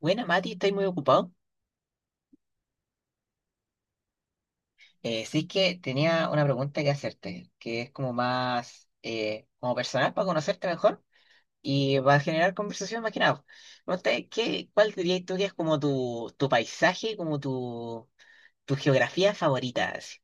Buena, Mati, ¿estáis muy ocupado? Sí es que tenía una pregunta que hacerte, que es como más como personal para conocerte mejor y va a generar conversación más que nada. Pregunta, ¿cuál dirías tú que es como tu paisaje, como tu geografía favorita, así?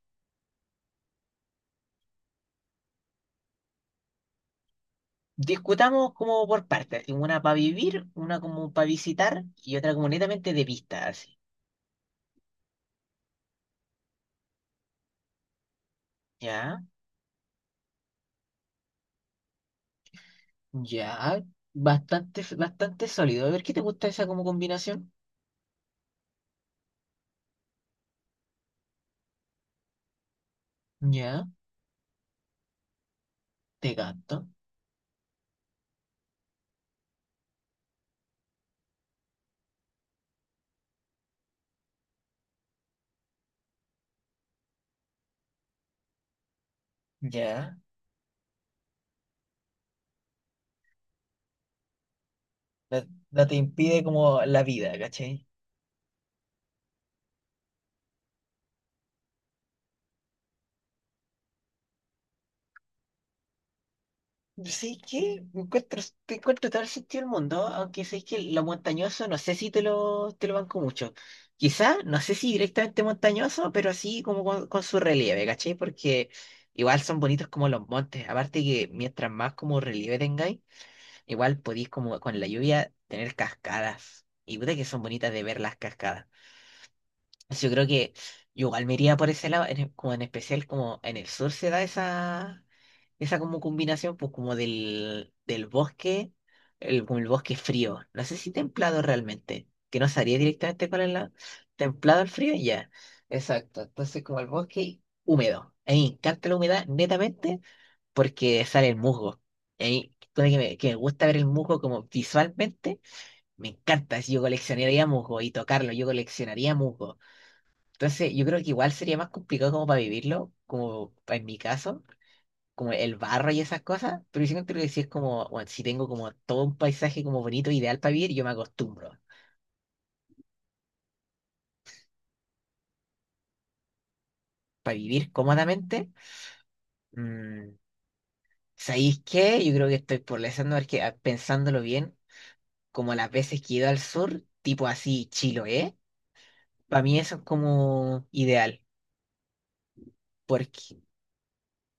Discutamos como por partes, así, una para vivir, una como para visitar y otra como netamente de vista, así. Ya, ya, bastante sólido. A ver, ¿qué te gusta esa como combinación? Ya, te gato. Ya, no, no te impide como la vida, ¿cachai? Sí que encuentro, te encuentro todo el sentido del mundo, aunque sé que lo montañoso no sé si te lo, te lo banco mucho. Quizá, no sé si directamente montañoso, pero así como con su relieve, ¿cachai? Porque igual son bonitos como los montes. Aparte que mientras más como relieve tengáis, igual podéis como con la lluvia tener cascadas. Y puta que son bonitas de ver las cascadas. Entonces, yo creo que yo igual me iría por ese lado, como en especial como en el sur se da esa, esa como combinación, pues como del bosque, el, como el bosque frío. No sé si templado realmente, que no sabría directamente cuál es la... Templado al frío, ya. Exacto. Entonces como el bosque húmedo. A mí me encanta la humedad netamente porque sale el musgo. Y a mí, pone que me gusta ver el musgo como visualmente, me encanta. Si yo coleccionaría musgo y tocarlo, yo coleccionaría musgo. Entonces, yo creo que igual sería más complicado como para vivirlo, en mi caso, como el barro y esas cosas, pero yo creo que si es como, bueno, si tengo como todo un paisaje como bonito, ideal para vivir, yo me acostumbro. Para vivir cómodamente, mm, ¿sabéis qué? Yo creo que estoy por pensando, porque, pensándolo bien, como las veces que he ido al sur, tipo así, Chiloé, para mí eso es como ideal.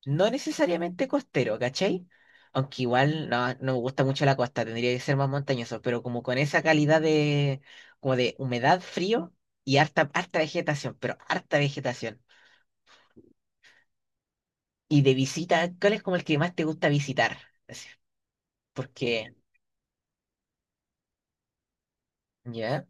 No necesariamente costero, ¿cachai? Aunque igual no, no me gusta mucho la costa, tendría que ser más montañoso, pero como con esa calidad de, como de humedad, frío y harta vegetación, pero harta vegetación. Y de visita, ¿cuál es como el que más te gusta visitar? Así, porque, ya,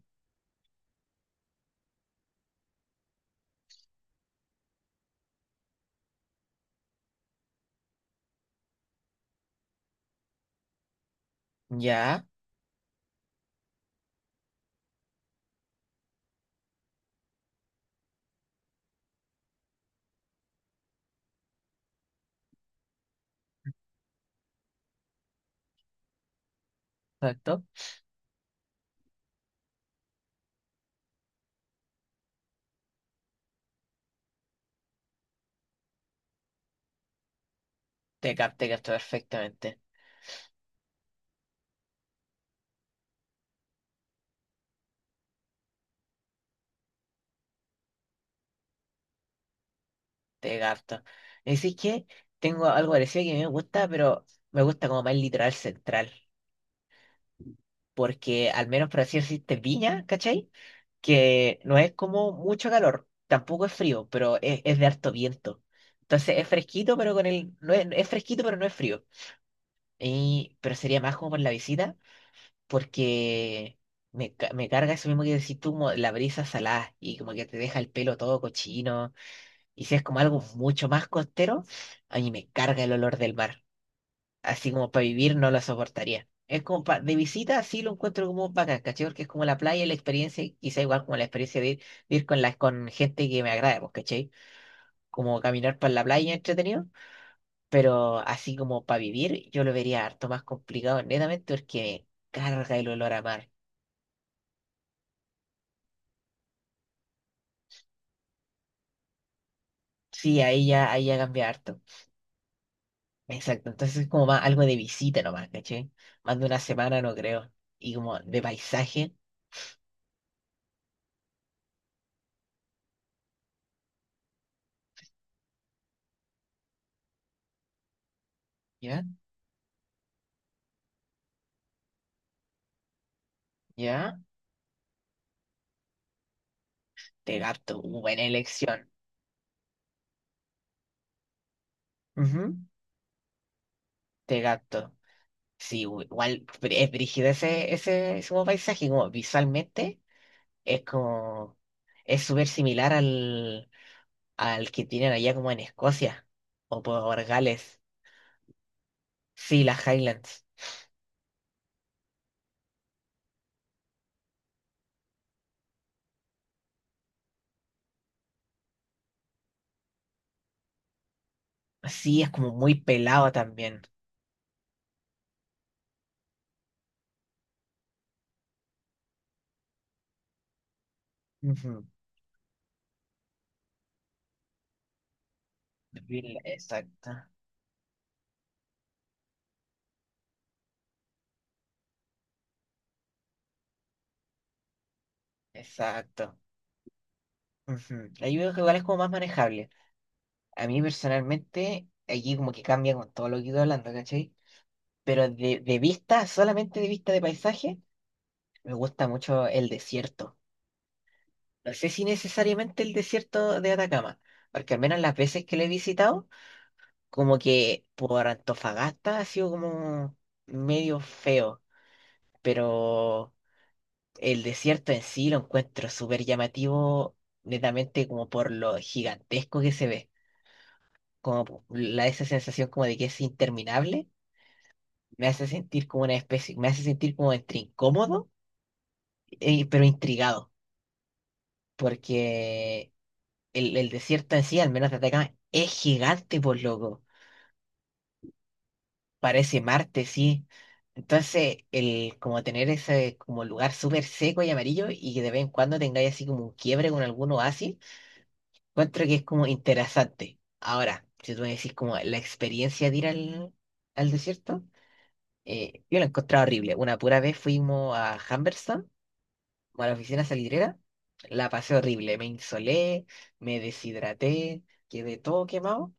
ya, exacto. Te capto perfectamente. Te capto. Así que tengo algo parecido que me gusta, pero me gusta como más el litoral central. Porque al menos por así decirte, Viña, ¿cachai? Que no es como mucho calor, tampoco es frío, pero es de harto viento. Entonces es fresquito, pero con el, no es, es fresquito, pero no es frío. Y, pero sería más como por la visita, porque me, me carga eso mismo que decís tú, como la brisa salada, y como que te deja el pelo todo cochino. Y si es como algo mucho más costero, a mí me carga el olor del mar, así como para vivir no la soportaría. Es como de visita sí lo encuentro como bacán, ¿cachai? Porque es como la playa, la experiencia, y quizá igual como la experiencia de ir con, la, con gente que me agrade, pues, ¿cachai? Como caminar por la playa entretenido, pero así como para vivir yo lo vería harto más complicado, netamente porque me carga el olor a mar. Sí, ahí ya cambia harto. Exacto, entonces es como más algo de visita nomás, ¿cachai? Más de una semana no creo. Y como de paisaje, ¿ya? ¿Ya? Te gato, buena elección. Ujú. De gato. Sí, igual es brígido ese, ese, ese como paisaje, como visualmente es como, es súper similar al, al que tienen allá como en Escocia o por Gales. Sí, las Highlands. Sí, es como muy pelado también. Ujú. Exacto, exacto. Ujú. Ahí veo que igual es como más manejable. A mí personalmente, allí como que cambia con todo lo que he ido hablando, ¿cachai? Pero de vista, solamente de vista de paisaje. Me gusta mucho el desierto. No sé si necesariamente el desierto de Atacama, porque al menos las veces que lo he visitado, como que por Antofagasta ha sido como medio feo, pero el desierto en sí lo encuentro súper llamativo, netamente como por lo gigantesco que se ve, la, esa sensación como de que es interminable, me hace sentir como una especie, me hace sentir como entre incómodo, pero intrigado. Porque el desierto en sí, al menos de Atacama, es gigante, por loco. Parece Marte, sí. Entonces, el como tener ese como lugar súper seco y amarillo y que de vez en cuando tengáis así como un quiebre con algún oasis, encuentro que es como interesante. Ahora, si tú me decís como la experiencia de ir al, al desierto, yo la he encontrado horrible. Una pura vez fuimos a Humberston, como a la oficina salitrera, la pasé horrible. Me insolé, me deshidraté, quedé todo quemado.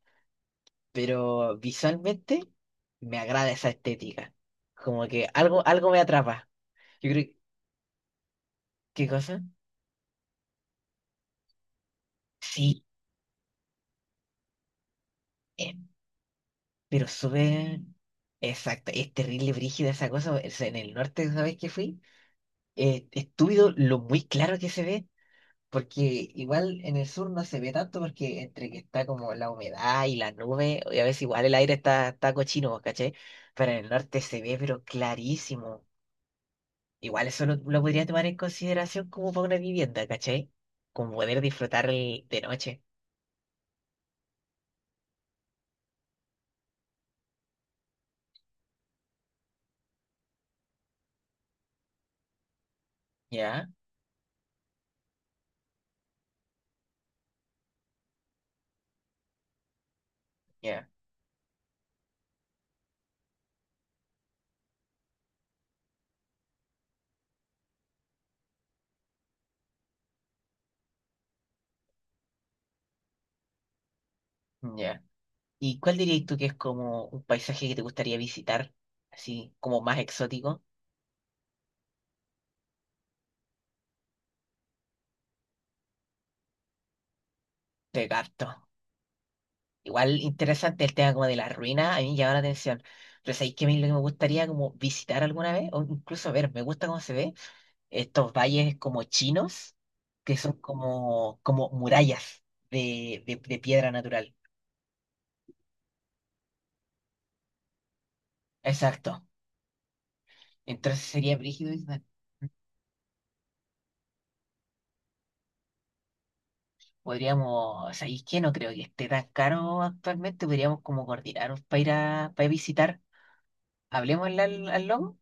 Pero visualmente me agrada esa estética. Como que algo, algo me atrapa. Yo creo. ¿Qué cosa? Sí, eh, pero súper exacto. Es terrible, brígida esa cosa. O sea, en el norte, ¿sabes qué fui? Estúpido lo muy claro que se ve. Porque igual en el sur no se ve tanto porque entre que está como la humedad y la nube, y a veces igual el aire está, está cochino, ¿vos cachai? Pero en el norte se ve pero clarísimo. Igual eso lo podría tomar en consideración como para una vivienda, ¿cachai? Como poder disfrutar de noche. Ya, ya, ya. ¿Y cuál dirías tú que es como un paisaje que te gustaría visitar? Así, como más exótico. Te capto. Igual interesante el tema como de las ruinas, a mí me llama la atención. Pero ¿sabéis qué a mí lo que me gustaría como visitar alguna vez? O incluso ver, me gusta cómo se ve. Estos valles como chinos, que son como, como murallas de, de piedra natural. Exacto. Entonces sería brígido, Ismael. Podríamos, ¿sabéis qué? No creo que esté tan caro actualmente. Podríamos como coordinarnos para ir a, para visitar. Hablemos al, al logo.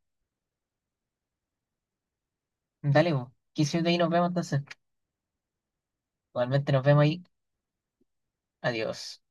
Dale, vos. 15 minutos ahí nos vemos entonces. Igualmente nos vemos ahí. Adiós.